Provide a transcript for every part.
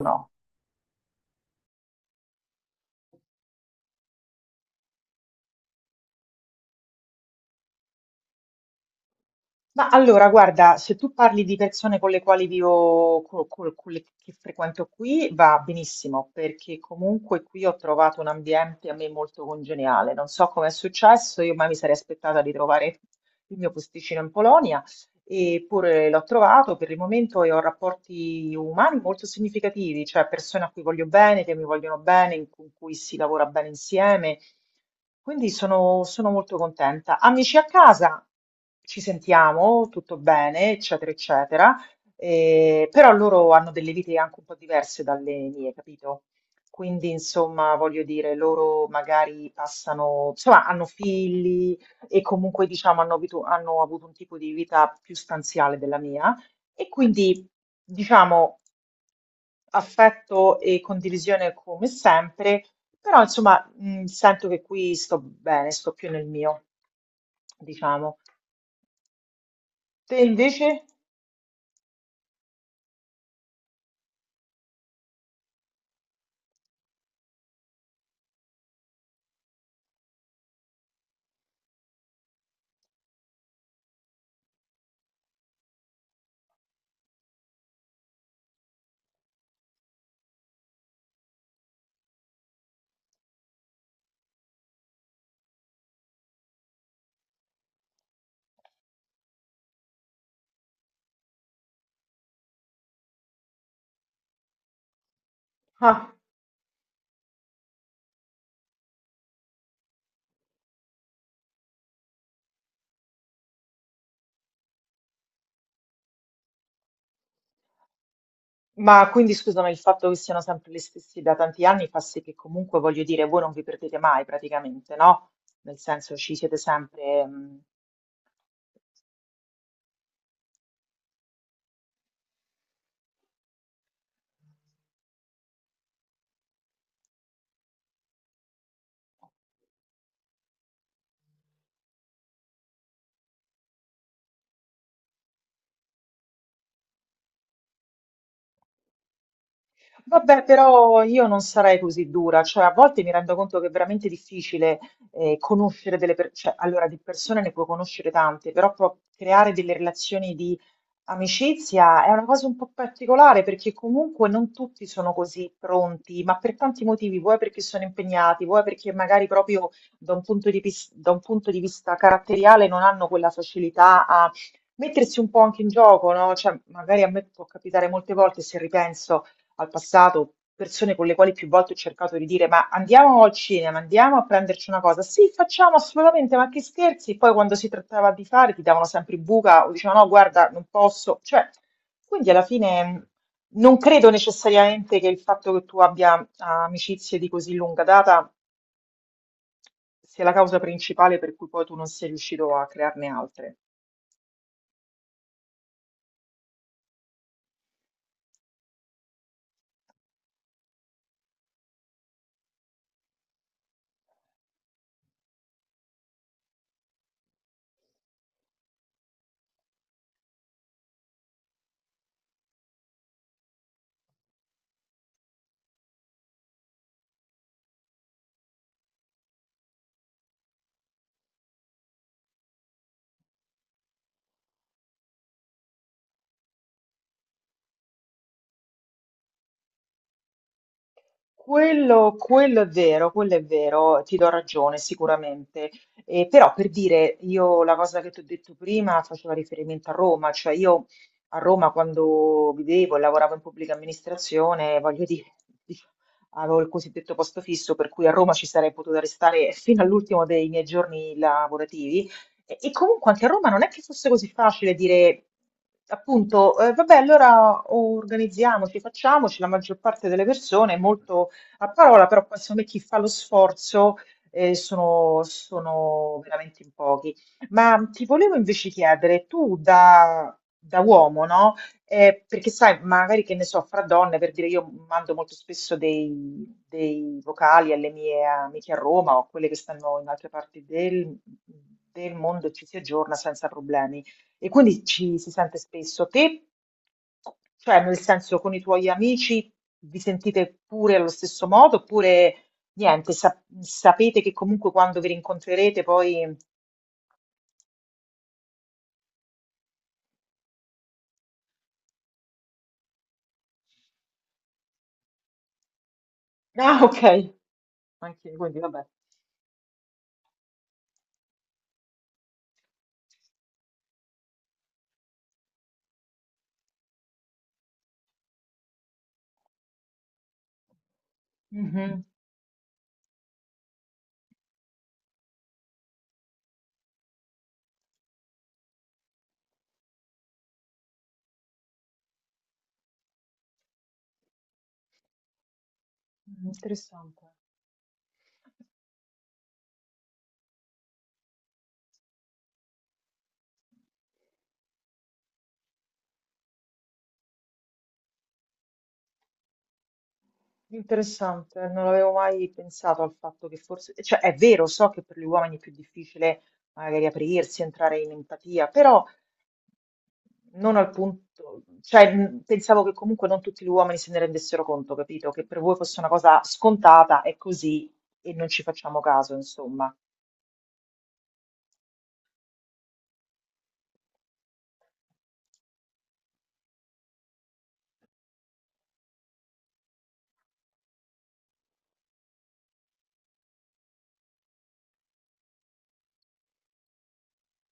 No. Ma allora, guarda, se tu parli di persone con le quali vivo, con, le che frequento qui, va benissimo, perché comunque qui ho trovato un ambiente a me molto congeniale. Non so come è successo, io mai mi sarei aspettata di trovare il mio posticino in Polonia. Eppure l'ho trovato per il momento e ho rapporti umani molto significativi, cioè persone a cui voglio bene, che mi vogliono bene, con cui si lavora bene insieme. Quindi sono molto contenta. Amici a casa, ci sentiamo, tutto bene, eccetera, eccetera. Però loro hanno delle vite anche un po' diverse dalle mie, capito? Quindi, insomma, voglio dire, loro magari passano, insomma, hanno figli, e comunque diciamo hanno avuto un tipo di vita più stanziale della mia e quindi diciamo affetto e condivisione come sempre, però insomma sento che qui sto bene, sto più nel mio, diciamo. Te invece? Ah, ma quindi scusami, il fatto che siano sempre gli stessi da tanti anni fa sì che comunque voglio dire, voi non vi perdete mai praticamente, no? Nel senso ci siete sempre. Vabbè, però io non sarei così dura, cioè a volte mi rendo conto che è veramente difficile conoscere delle persone, allora di persone ne puoi conoscere tante, però creare delle relazioni di amicizia è una cosa un po' particolare perché comunque non tutti sono così pronti, ma per tanti motivi, vuoi perché sono impegnati, vuoi perché magari proprio da un punto di vista caratteriale non hanno quella facilità a mettersi un po' anche in gioco, no? Cioè magari a me può capitare molte volte se ripenso al passato, persone con le quali più volte ho cercato di dire ma andiamo al cinema, andiamo a prenderci una cosa. Sì, facciamo assolutamente, ma che scherzi. Poi quando si trattava di fare ti davano sempre buca o dicevano no, guarda, non posso. Cioè, quindi alla fine non credo necessariamente che il fatto che tu abbia amicizie di così lunga data sia la causa principale per cui poi tu non sei riuscito a crearne altre. Quello è vero, quello è vero, ti do ragione sicuramente. Però per dire, io la cosa che ti ho detto prima faceva riferimento a Roma, cioè io a Roma quando vivevo e lavoravo in pubblica amministrazione, voglio dire, dic- avevo il cosiddetto posto fisso, per cui a Roma ci sarei potuta restare fino all'ultimo dei miei giorni lavorativi. E comunque anche a Roma non è che fosse così facile dire, appunto, vabbè, allora organizziamoci, facciamoci, la maggior parte delle persone è molto a parola, però poi secondo me chi fa lo sforzo sono veramente in pochi. Ma ti volevo invece chiedere, tu da uomo, no? Perché sai, magari che ne so, fra donne, per dire, io mando molto spesso dei vocali alle mie amiche a Roma o a quelle che stanno in altre parti del mondo e ci si aggiorna senza problemi. E quindi ci si sente spesso. Te, cioè nel senso con i tuoi amici vi sentite pure allo stesso modo oppure niente, sapete che comunque quando vi rincontrerete poi Ah, ok, anche quindi vabbè. Mhm. Interessante. Interessante, non avevo mai pensato al fatto che forse, cioè è vero, so che per gli uomini è più difficile magari aprirsi, entrare in empatia, però non al punto, cioè pensavo che comunque non tutti gli uomini se ne rendessero conto, capito? Che per voi fosse una cosa scontata, è così e non ci facciamo caso, insomma.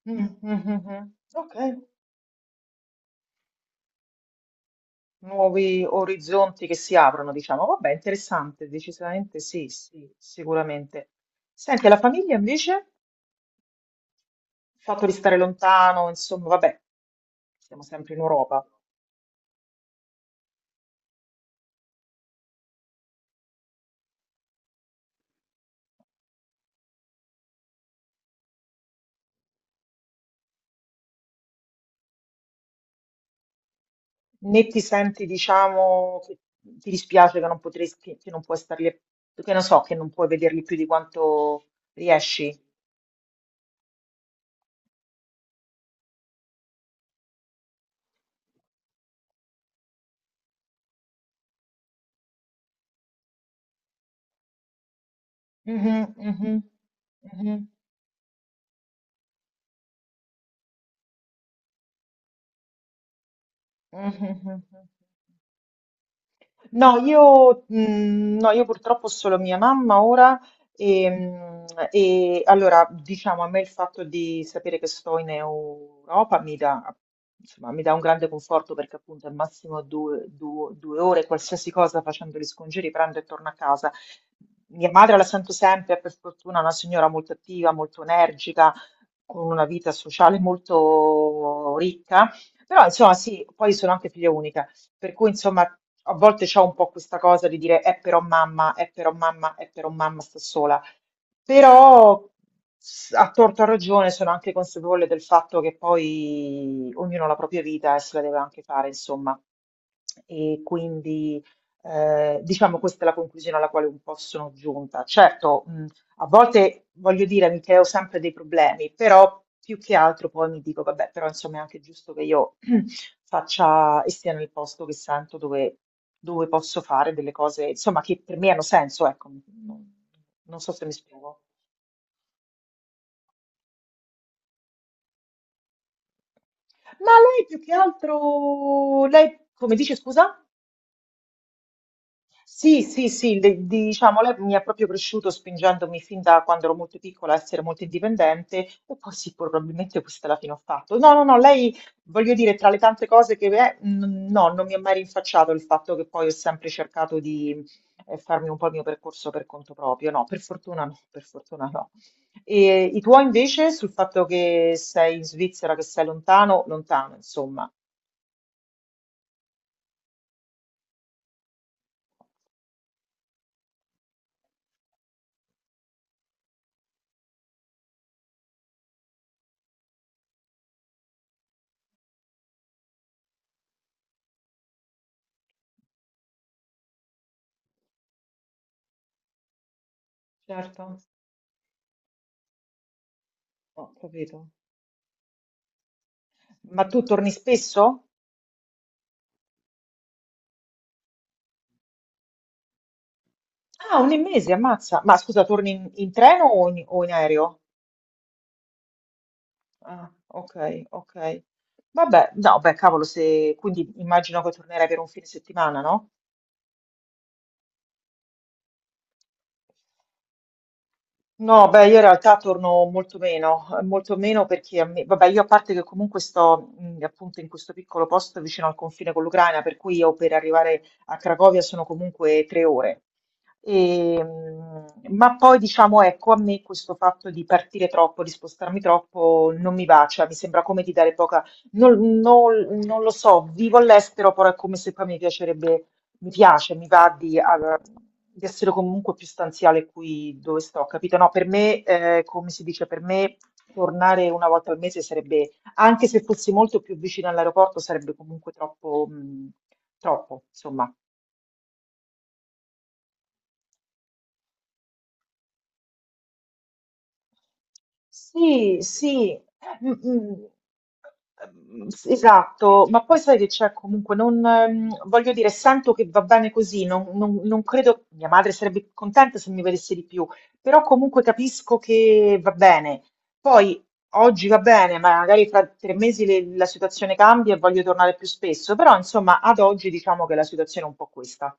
Mm, mm, mm, mm. Ok, nuovi orizzonti che si aprono, diciamo. Vabbè, interessante, decisamente sì, sì, sicuramente. Senti, la famiglia invece? Il fatto di stare lontano, insomma, vabbè, siamo sempre in Europa. Né ti senti, diciamo, che ti dispiace che non potresti, che non puoi starli, che non so, che non puoi vederli più di quanto riesci. Mhm, mhm, mhm, mhm, mhm, mhm. No, no, io purtroppo ho solo mia mamma ora e, mm, e allora diciamo a me il fatto di sapere che sto in Europa mi dà, insomma, mi dà un grande conforto perché appunto al massimo due ore qualsiasi cosa facendo gli scongiuri, prendo e torno a casa. Mia madre la sento sempre, per fortuna una signora molto attiva, molto energica, con una vita sociale molto ricca, però insomma sì, poi sono anche figlia unica. Per cui, insomma, a volte c'ho un po' questa cosa di dire, è però mamma, è però mamma, è però mamma sta sola. Però, a torto a ragione, sono anche consapevole del fatto che poi ognuno ha la propria vita e se la deve anche fare, insomma. E quindi, diciamo, questa è la conclusione alla quale un po' sono giunta. Certo, a volte voglio dire, mi creo sempre dei problemi, però più che altro poi mi dico, vabbè, però insomma è anche giusto che io faccia e stia nel posto che sento dove, dove posso fare delle cose, insomma, che per me hanno senso, ecco, non non so se mi spiego. Ma lei più che altro, lei come dice, scusa? Sì, sì, sì, diciamo, lei mi ha proprio cresciuto spingendomi fin da quando ero molto piccola a essere molto indipendente e poi sì, probabilmente questa è la fine ho fatto. No, no, no, lei, voglio dire, tra le tante cose che è, no, non mi ha mai rinfacciato il fatto che poi ho sempre cercato di farmi un po' il mio percorso per conto proprio, no, per fortuna no, per fortuna no. E i tuoi invece sul fatto che sei in Svizzera, che sei lontano, lontano, insomma. Certo, ho capito. Ma tu torni spesso? Ah, un mese, ammazza. Ma scusa, torni in treno o in aereo? Ah, ok, ok. Vabbè, no, beh, cavolo, se... quindi immagino che tornerai per un fine settimana, no? No, beh, io in realtà torno molto meno perché a me, vabbè, io a parte che comunque sto appunto in questo piccolo posto vicino al confine con l'Ucraina, per cui io per arrivare a Cracovia sono comunque 3 ore. E, ma poi diciamo, ecco, a me questo fatto di partire troppo, di spostarmi troppo, non mi va, cioè mi sembra come di dare poca, non lo so, vivo all'estero, però è come se poi mi piace, mi va di, allora, di essere comunque più stanziale qui dove sto, capito? No, per me, come si dice, per me tornare una volta al mese sarebbe, anche se fossi molto più vicino all'aeroporto, sarebbe comunque troppo, troppo, insomma. Sì, sì, mm, mm, mm, esatto, ma poi sai che c'è comunque, non, voglio dire, sento che va bene così, non credo, mia madre sarebbe contenta se mi vedesse di più, però comunque capisco che va bene. Poi oggi va bene, ma magari fra 3 mesi la situazione cambia e voglio tornare più spesso, però insomma ad oggi diciamo che la situazione è un po' questa,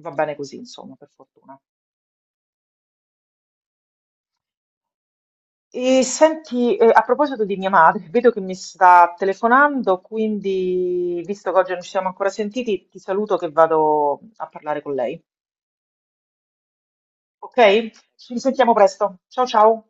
va bene così, insomma, per fortuna. E senti, a proposito di mia madre, vedo che mi sta telefonando, quindi visto che oggi non ci siamo ancora sentiti, ti saluto che vado a parlare con lei. Ok? Ci risentiamo presto. Ciao ciao.